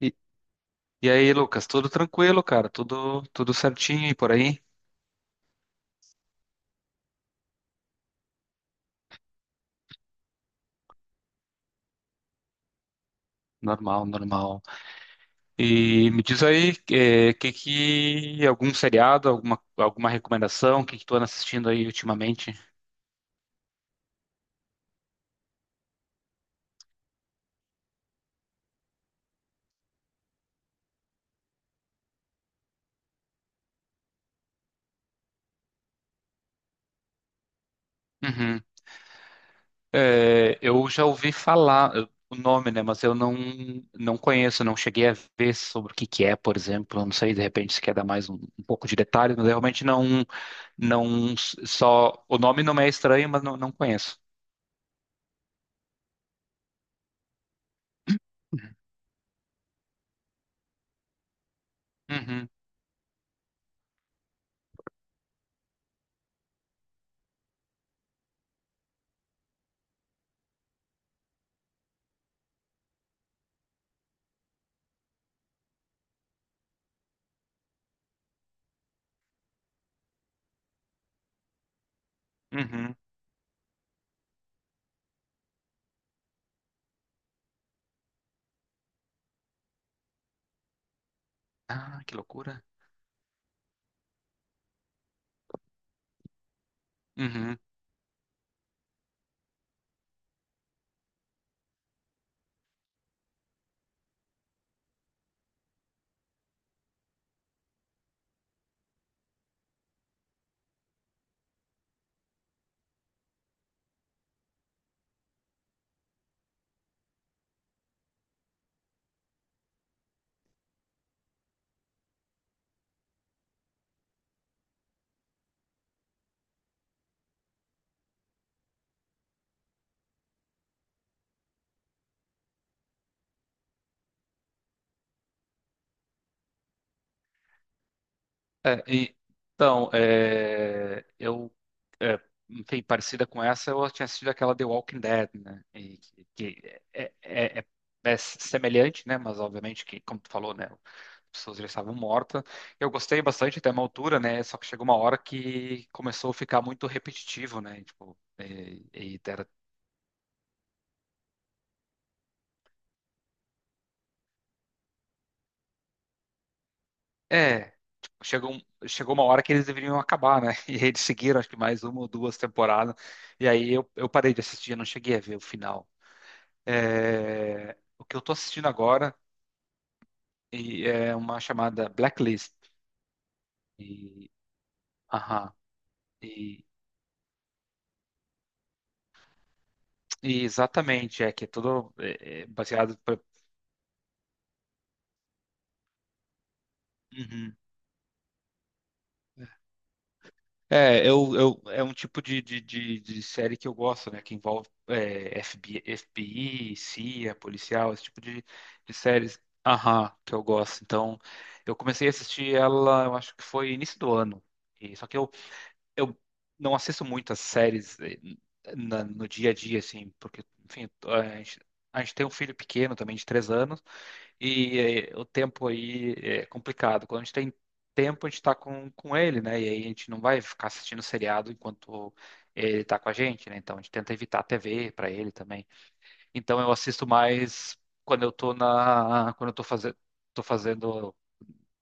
E, e aí, Lucas, tudo tranquilo, cara? Tudo certinho e por aí? Normal, normal. E me diz aí, que algum seriado, alguma recomendação, o que que tu anda assistindo aí ultimamente? Uhum. É, eu já ouvi falar o nome, né? Mas eu não, não conheço, não cheguei a ver sobre o que que é, por exemplo. Eu não sei, de repente, se quer dar mais um pouco de detalhes, mas eu realmente não s- só o nome não me é estranho, mas não conheço. Uhum, uhum. Ah, que loucura. Uhum. É, e- então, é, enfim, parecida com essa, eu tinha assistido aquela The Walking Dead, né? E que é, é, é, é semelhante, né? Mas obviamente que, como tu falou, né? As pessoas já estavam mortas. Eu gostei bastante até uma altura, né? Só que chegou uma hora que começou a ficar muito repetitivo, né? Tipo, e É, tipo, chegou uma hora que eles deveriam acabar, né? E eles seguiram, acho que mais uma ou duas temporadas. E aí eu parei de assistir, eu não cheguei a ver o final. É, o que eu tô assistindo agora e é uma chamada Blacklist. E, aham, e, exatamente, é que é tudo é baseado. Pra, uhum. É, é um tipo de série que eu gosto, né? Que envolve FBI, CIA, policial, esse tipo de séries. Aham, que eu gosto. Então, eu comecei a assistir ela, eu acho que foi início do ano. E, só que eu não assisto muitas séries no dia a dia, assim, porque, enfim, a gente tem um filho pequeno também, de três anos. E o tempo aí é complicado. Quando a gente tem tempo, a gente está com ele, né? E aí a gente não vai ficar assistindo seriado enquanto ele está com a gente, né? Então a gente tenta evitar a TV para ele também. Então eu assisto mais quando eu tô fazendo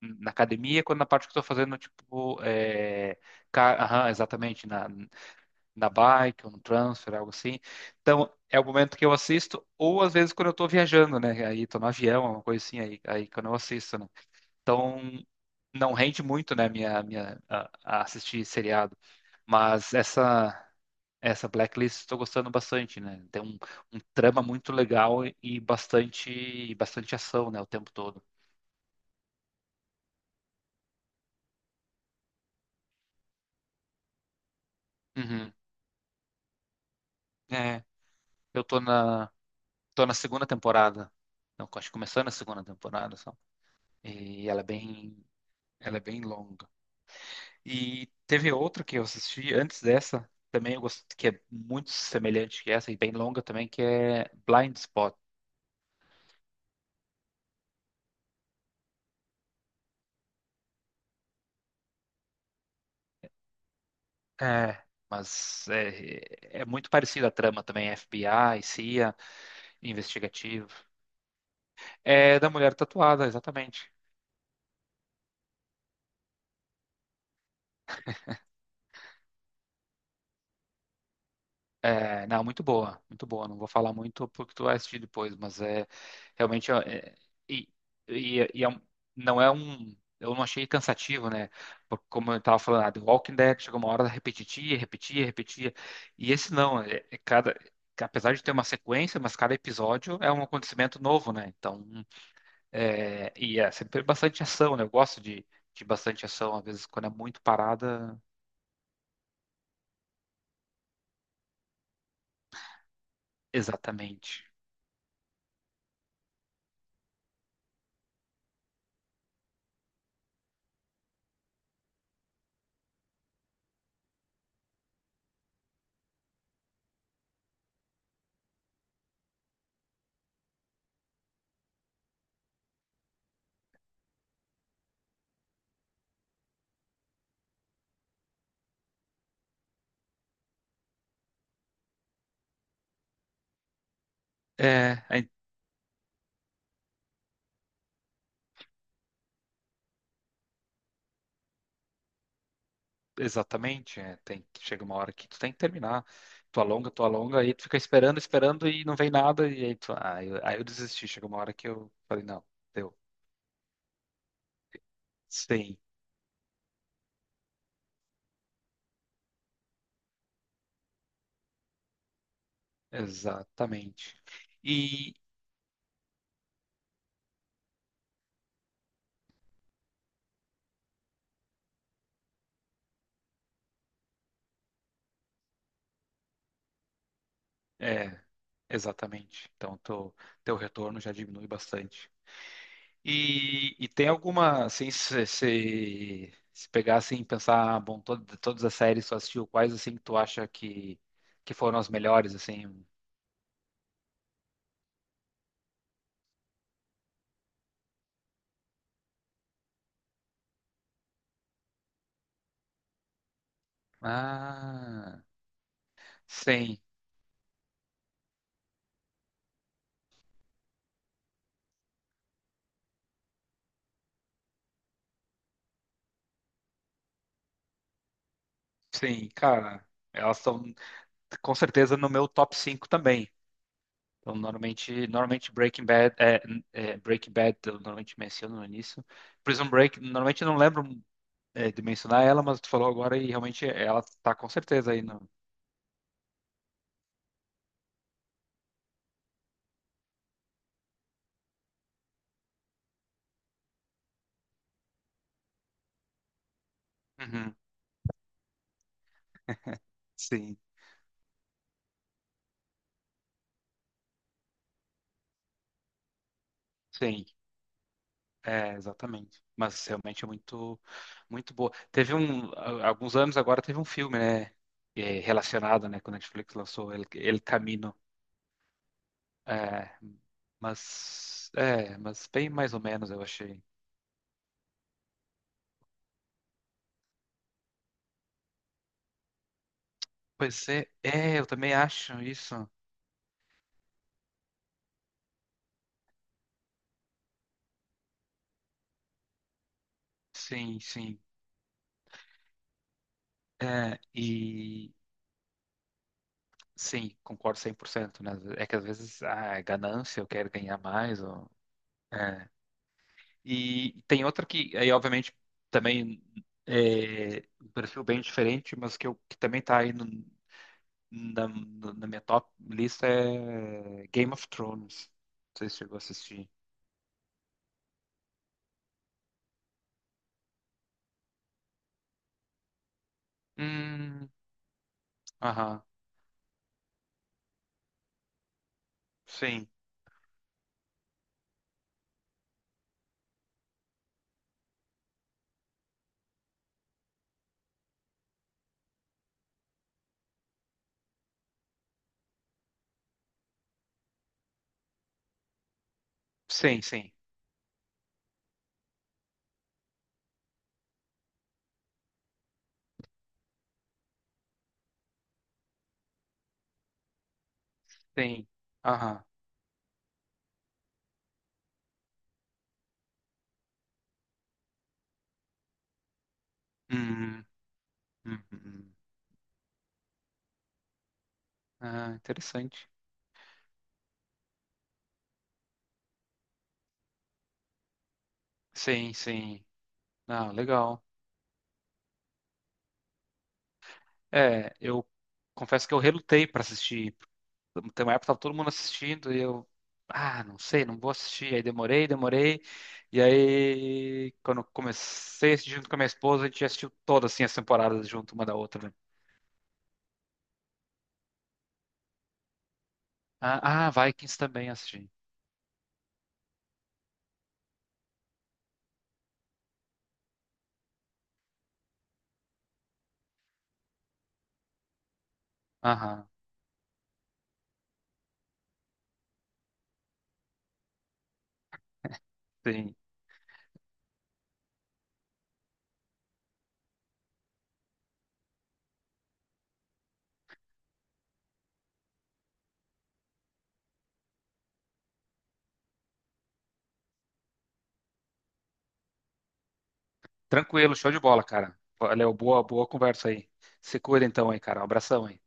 na academia, quando na parte que eu tô fazendo, ca- aham, exatamente, na, na bike ou no transfer, algo assim. Então, é o momento que eu assisto, ou às vezes quando eu tô viajando, né? Aí tô no avião, uma coisa assim, aí quando eu assisto, né? Então, não rende muito, né, a assistir seriado. Mas essa Blacklist estou gostando bastante, né? Tem um trama muito legal e bastante ação, né, o tempo todo. Uhum. É, eu tô na, tô na segunda temporada. Não, acho que começando a segunda temporada só. E ela é bem, ela é bem longa. E teve outra que eu assisti antes dessa, também eu gosto, que é muito semelhante que essa e bem longa também, que é Blind Spot. É, mas é muito parecida a trama também, FBI, CIA, investigativo. É da mulher tatuada, exatamente. É, não, muito boa, muito boa. Não vou falar muito porque tu vai assistir depois, mas é realmente é, e, e, é, e é um- não é um, eu não achei cansativo, né? Porque como eu estava falando, ah, The Walking Dead chegou uma hora repetia, repetia, repetia. E esse não, apesar de ter uma sequência, mas cada episódio é um acontecimento novo, né? Então, e é sempre bastante ação, né? Eu gosto de bastante ação, às vezes quando é muito parada, exatamente. É, exatamente, é, tem chega uma hora que tu tem que terminar. Tu alonga, aí tu fica esperando, esperando e não vem nada, e aí aí eu desisti. Chega uma hora que eu falei, não, deu. Sim, exatamente. E é, exatamente. Então teu retorno já diminui bastante. E tem alguma, assim, se pegar assim, e pensar, ah, bom, de todas as séries que tu assistiu, quais assim que tu acha que foram as melhores, assim? Ah, sim. Sim, cara, elas estão com certeza no meu top 5 também. Então, normalmente Breaking Bad, Breaking Bad, eu normalmente menciono no início. Prison Break, normalmente eu não lembro de mencionar ela, mas tu falou agora e realmente ela tá com certeza aí no. Uhum, sim, sim, é, exatamente. Mas realmente é muito, muito boa. Teve alguns anos agora teve um filme, né, relacionado, né, com a Netflix lançou El Camino. É, é, mas bem mais ou menos eu achei. Pois é, é, eu também acho isso. Sim, sim. É, e sim, concordo 100%, né? É que às vezes ah, é ganância, eu quero ganhar mais ou é. E tem outra que aí obviamente também é um perfil bem diferente, mas que eu que também tá aí na minha top lista é Game of Thrones. Não sei se chegou a assistir. Hum, aham. Sim, sim, sim, sim. Aham. Hum, hum, hum. Ah, interessante. Sim, sim. Ah, legal. É, eu confesso que eu relutei para assistir. Tem uma época que tava todo mundo assistindo e eu, ah, não sei, não vou assistir. Aí demorei, demorei. E aí, quando eu comecei a assistir junto com a minha esposa, a gente já assistiu todas assim, as temporadas junto uma da outra, né? Ah, ah, Vikings também assisti. Aham, sim. Tranquilo, show de bola, cara. Léo, boa, boa conversa aí. Se cuida então aí, cara. Um abração aí.